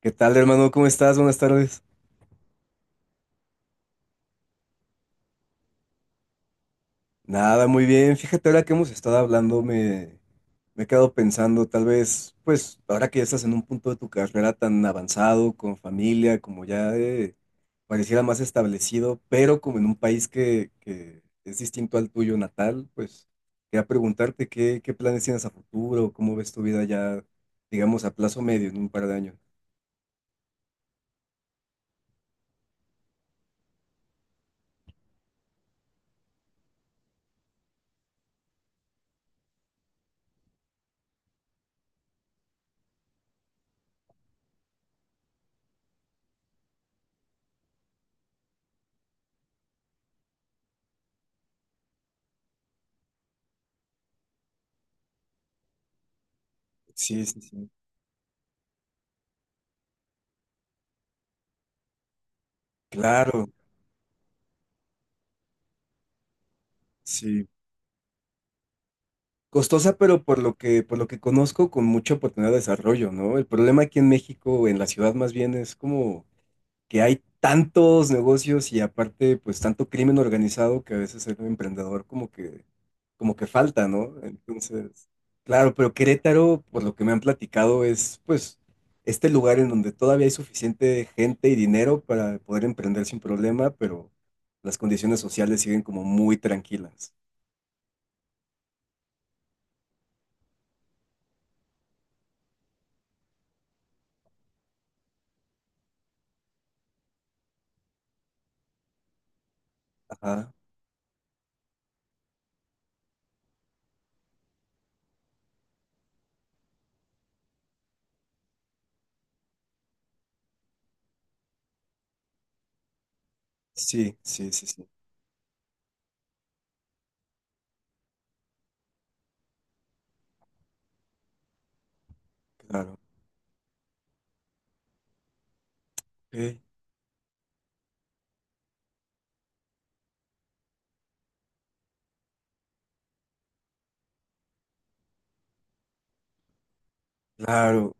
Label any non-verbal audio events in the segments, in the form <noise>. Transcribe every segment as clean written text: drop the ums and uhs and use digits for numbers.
¿Qué tal, hermano? ¿Cómo estás? Buenas tardes. Nada, muy bien. Fíjate, ahora que hemos estado hablando, me he quedado pensando, tal vez, pues, ahora que ya estás en un punto de tu carrera tan avanzado, con familia, como ya pareciera más establecido, pero como en un país que es distinto al tuyo natal, pues, quería preguntarte qué planes tienes a futuro, cómo ves tu vida ya, digamos, a plazo medio, en un par de años. Sí, sí, sí. Claro, sí. Costosa, pero por lo por lo que conozco, con mucha oportunidad de desarrollo, ¿no? El problema aquí en México, en la ciudad más bien, es como que hay tantos negocios y aparte, pues tanto crimen organizado que a veces el emprendedor como como que falta, ¿no? Entonces, claro, pero Querétaro, por lo que me han platicado, es pues este lugar en donde todavía hay suficiente gente y dinero para poder emprender sin problema, pero las condiciones sociales siguen como muy tranquilas. Ajá. Sí, sí, sí, sí, claro. Sí, claro,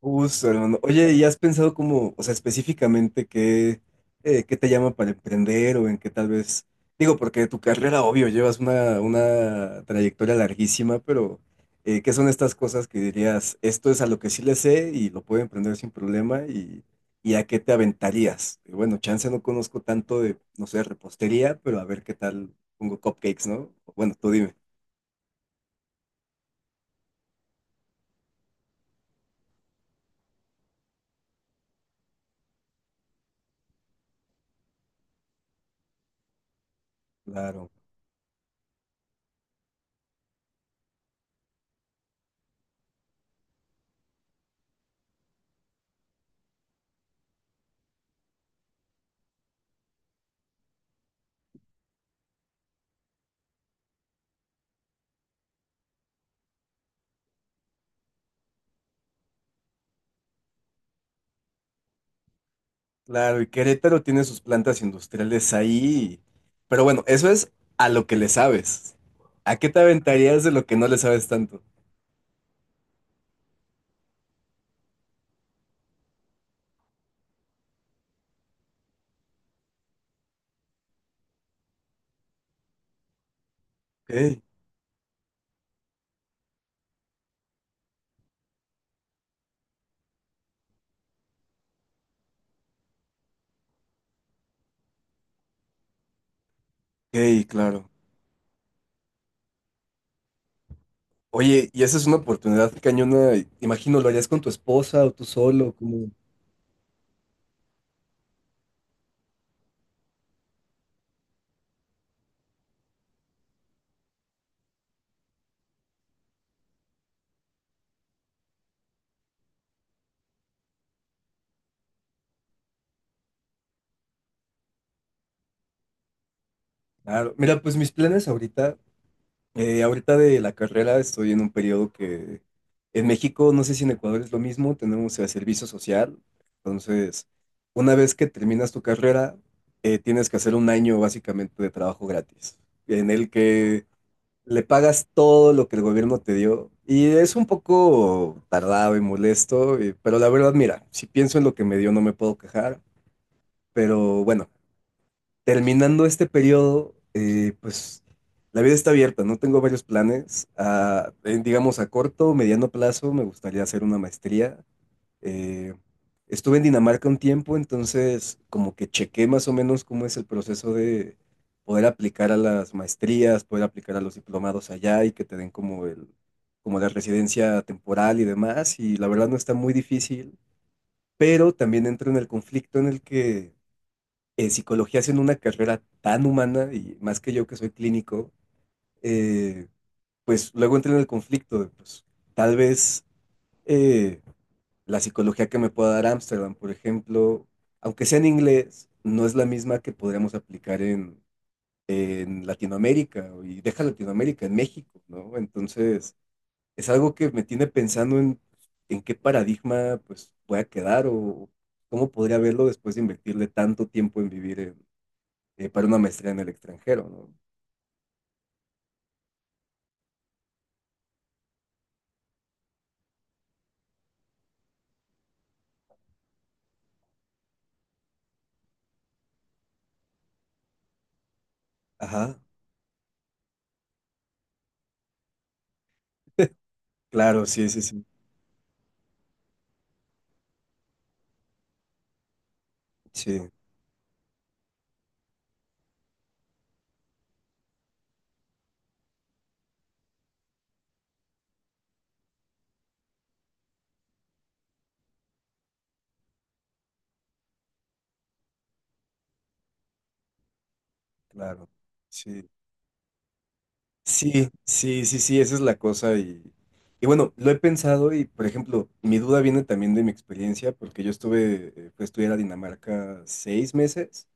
justo, hermano. Oye, ¿y has pensado cómo, o sea, específicamente qué te llama para emprender o en qué tal vez, digo, porque de tu carrera, obvio, llevas una trayectoria larguísima, pero ¿qué son estas cosas que dirías, esto es a lo que sí le sé y lo puedo emprender sin problema y a qué te aventarías? Y bueno, chance no conozco tanto de, no sé, repostería, pero a ver qué tal pongo cupcakes, ¿no? Bueno, tú dime. Claro. Claro, y Querétaro tiene sus plantas industriales ahí. Pero bueno, eso es a lo que le sabes. ¿A qué te aventarías de lo que no le sabes tanto? Ok, ok, claro. Oye, y esa es una oportunidad cañona. Imagino, ¿lo harías con tu esposa o tú solo? Como claro. Mira, pues mis planes ahorita, ahorita de la carrera estoy en un periodo que en México, no sé si en Ecuador es lo mismo, tenemos el servicio social. Entonces, una vez que terminas tu carrera, tienes que hacer un año básicamente de trabajo gratis, en el que le pagas todo lo que el gobierno te dio. Y es un poco tardado y molesto, y pero la verdad, mira, si pienso en lo que me dio, no me puedo quejar. Pero bueno, terminando este periodo, pues la vida está abierta, no tengo varios planes. A, en, digamos, a corto o mediano plazo me gustaría hacer una maestría. Eh, estuve en Dinamarca un tiempo, entonces como que chequé más o menos cómo es el proceso de poder aplicar a las maestrías, poder aplicar a los diplomados allá y que te den como como la residencia temporal y demás. Y la verdad no está muy difícil, pero también entro en el conflicto en el que en psicología haciendo una carrera tan humana y más que yo que soy clínico, eh, pues luego entré en el conflicto de, pues, tal vez eh, la psicología que me pueda dar Ámsterdam, por ejemplo, aunque sea en inglés, no es la misma que podríamos aplicar en Latinoamérica y deja Latinoamérica, en México, ¿no? Entonces, es algo que me tiene pensando en qué paradigma pues voy a quedar o cómo podría verlo después de invertirle tanto tiempo en vivir en para una maestría en el extranjero, ¿no? Ajá, <laughs> claro, sí, sí, sí, sí, claro, sí. Sí, sí, sí, sí, esa es la cosa y bueno, lo he pensado y, por ejemplo, mi duda viene también de mi experiencia porque yo estuve, fui a estudiar a Dinamarca 6 meses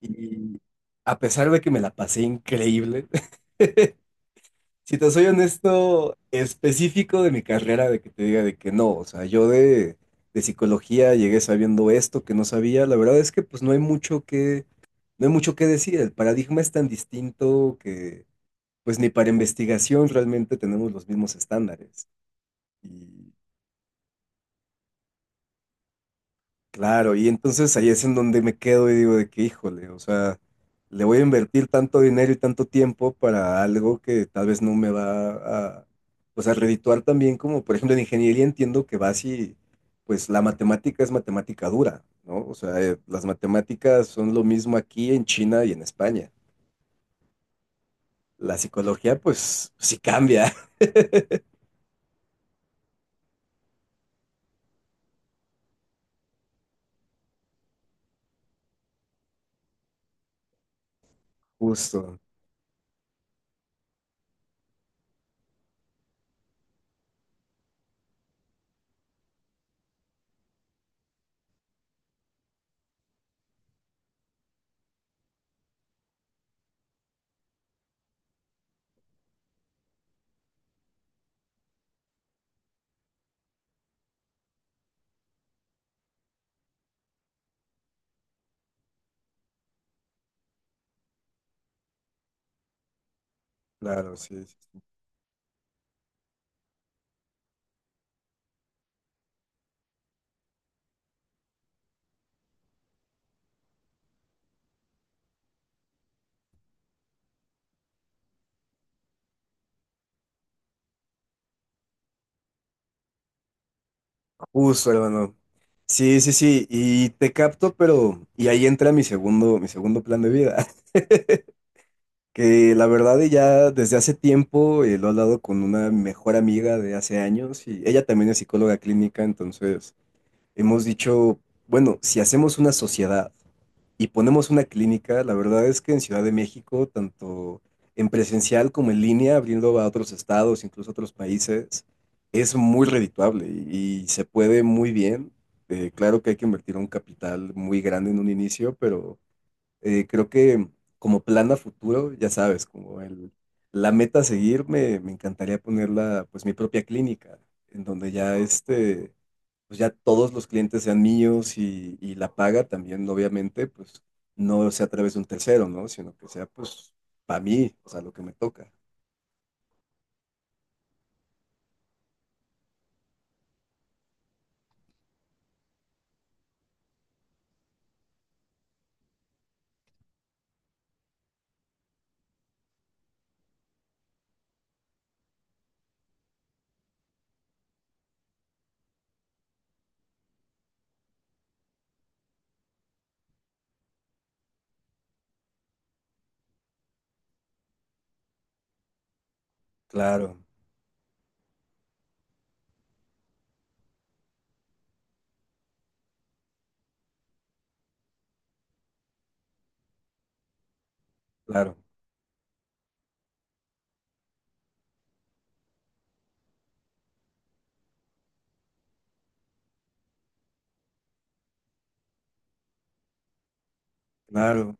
y a pesar de que me la pasé increíble, si te soy honesto, específico de mi carrera, de que te diga de que no, o sea, yo de psicología llegué sabiendo esto que no sabía, la verdad es que pues no hay mucho que, no hay mucho que decir, el paradigma es tan distinto que pues ni para investigación realmente tenemos los mismos estándares. Y claro, y entonces ahí es en donde me quedo y digo de que, híjole, o sea, le voy a invertir tanto dinero y tanto tiempo para algo que tal vez no me va a, pues a redituar también como, por ejemplo, en ingeniería entiendo que vas y, pues la matemática es matemática dura, ¿no? O sea, las matemáticas son lo mismo aquí en China y en España. La psicología, pues, sí cambia. <laughs> Justo, claro, sí. Sí. Justo hermano. Sí, sí, sí, y te capto, pero y ahí entra mi segundo plan de vida, <laughs> que la verdad y ya desde hace tiempo lo he hablado con una mejor amiga de hace años y ella también es psicóloga clínica, entonces hemos dicho, bueno, si hacemos una sociedad y ponemos una clínica, la verdad es que en Ciudad de México, tanto en presencial como en línea, abriendo a otros estados, incluso a otros países, es muy redituable y se puede muy bien. Claro que hay que invertir un capital muy grande en un inicio, pero creo que como plan a futuro, ya sabes, como la meta a seguir, me encantaría ponerla, pues mi propia clínica, en donde ya este pues ya todos los clientes sean míos y la paga también, obviamente, pues no sea a través de un tercero, ¿no? Sino que sea pues para mí, o sea, lo que me toca. Claro, claro, claro,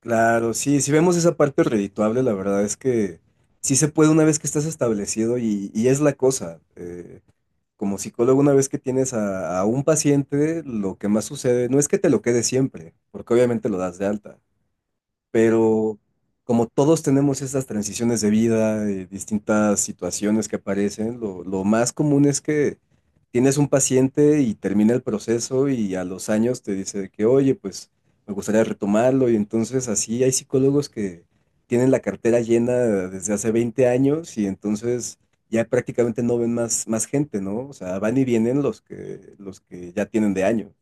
claro. Sí, si vemos esa parte redituable, la verdad es que sí se puede una vez que estás establecido y es la cosa. Como psicólogo, una vez que tienes a un paciente, lo que más sucede no es que te lo quede siempre, porque obviamente lo das de alta, pero como todos tenemos esas transiciones de vida, distintas situaciones que aparecen, lo más común es que tienes un paciente y termina el proceso y a los años te dice que, oye, pues me gustaría retomarlo y entonces así hay psicólogos que tienen la cartera llena desde hace 20 años y entonces ya prácticamente no ven más, más gente, ¿no? O sea, van y vienen los que ya tienen de año.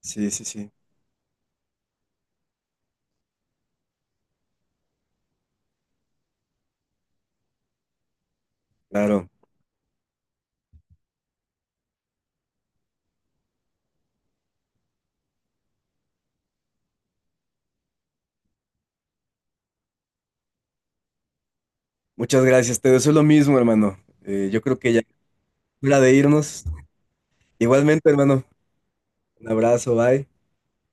Sí, sí, sí, claro. Muchas gracias, te deseo lo mismo, hermano. Yo creo que ya es hora de irnos. Igualmente, hermano, un abrazo, bye.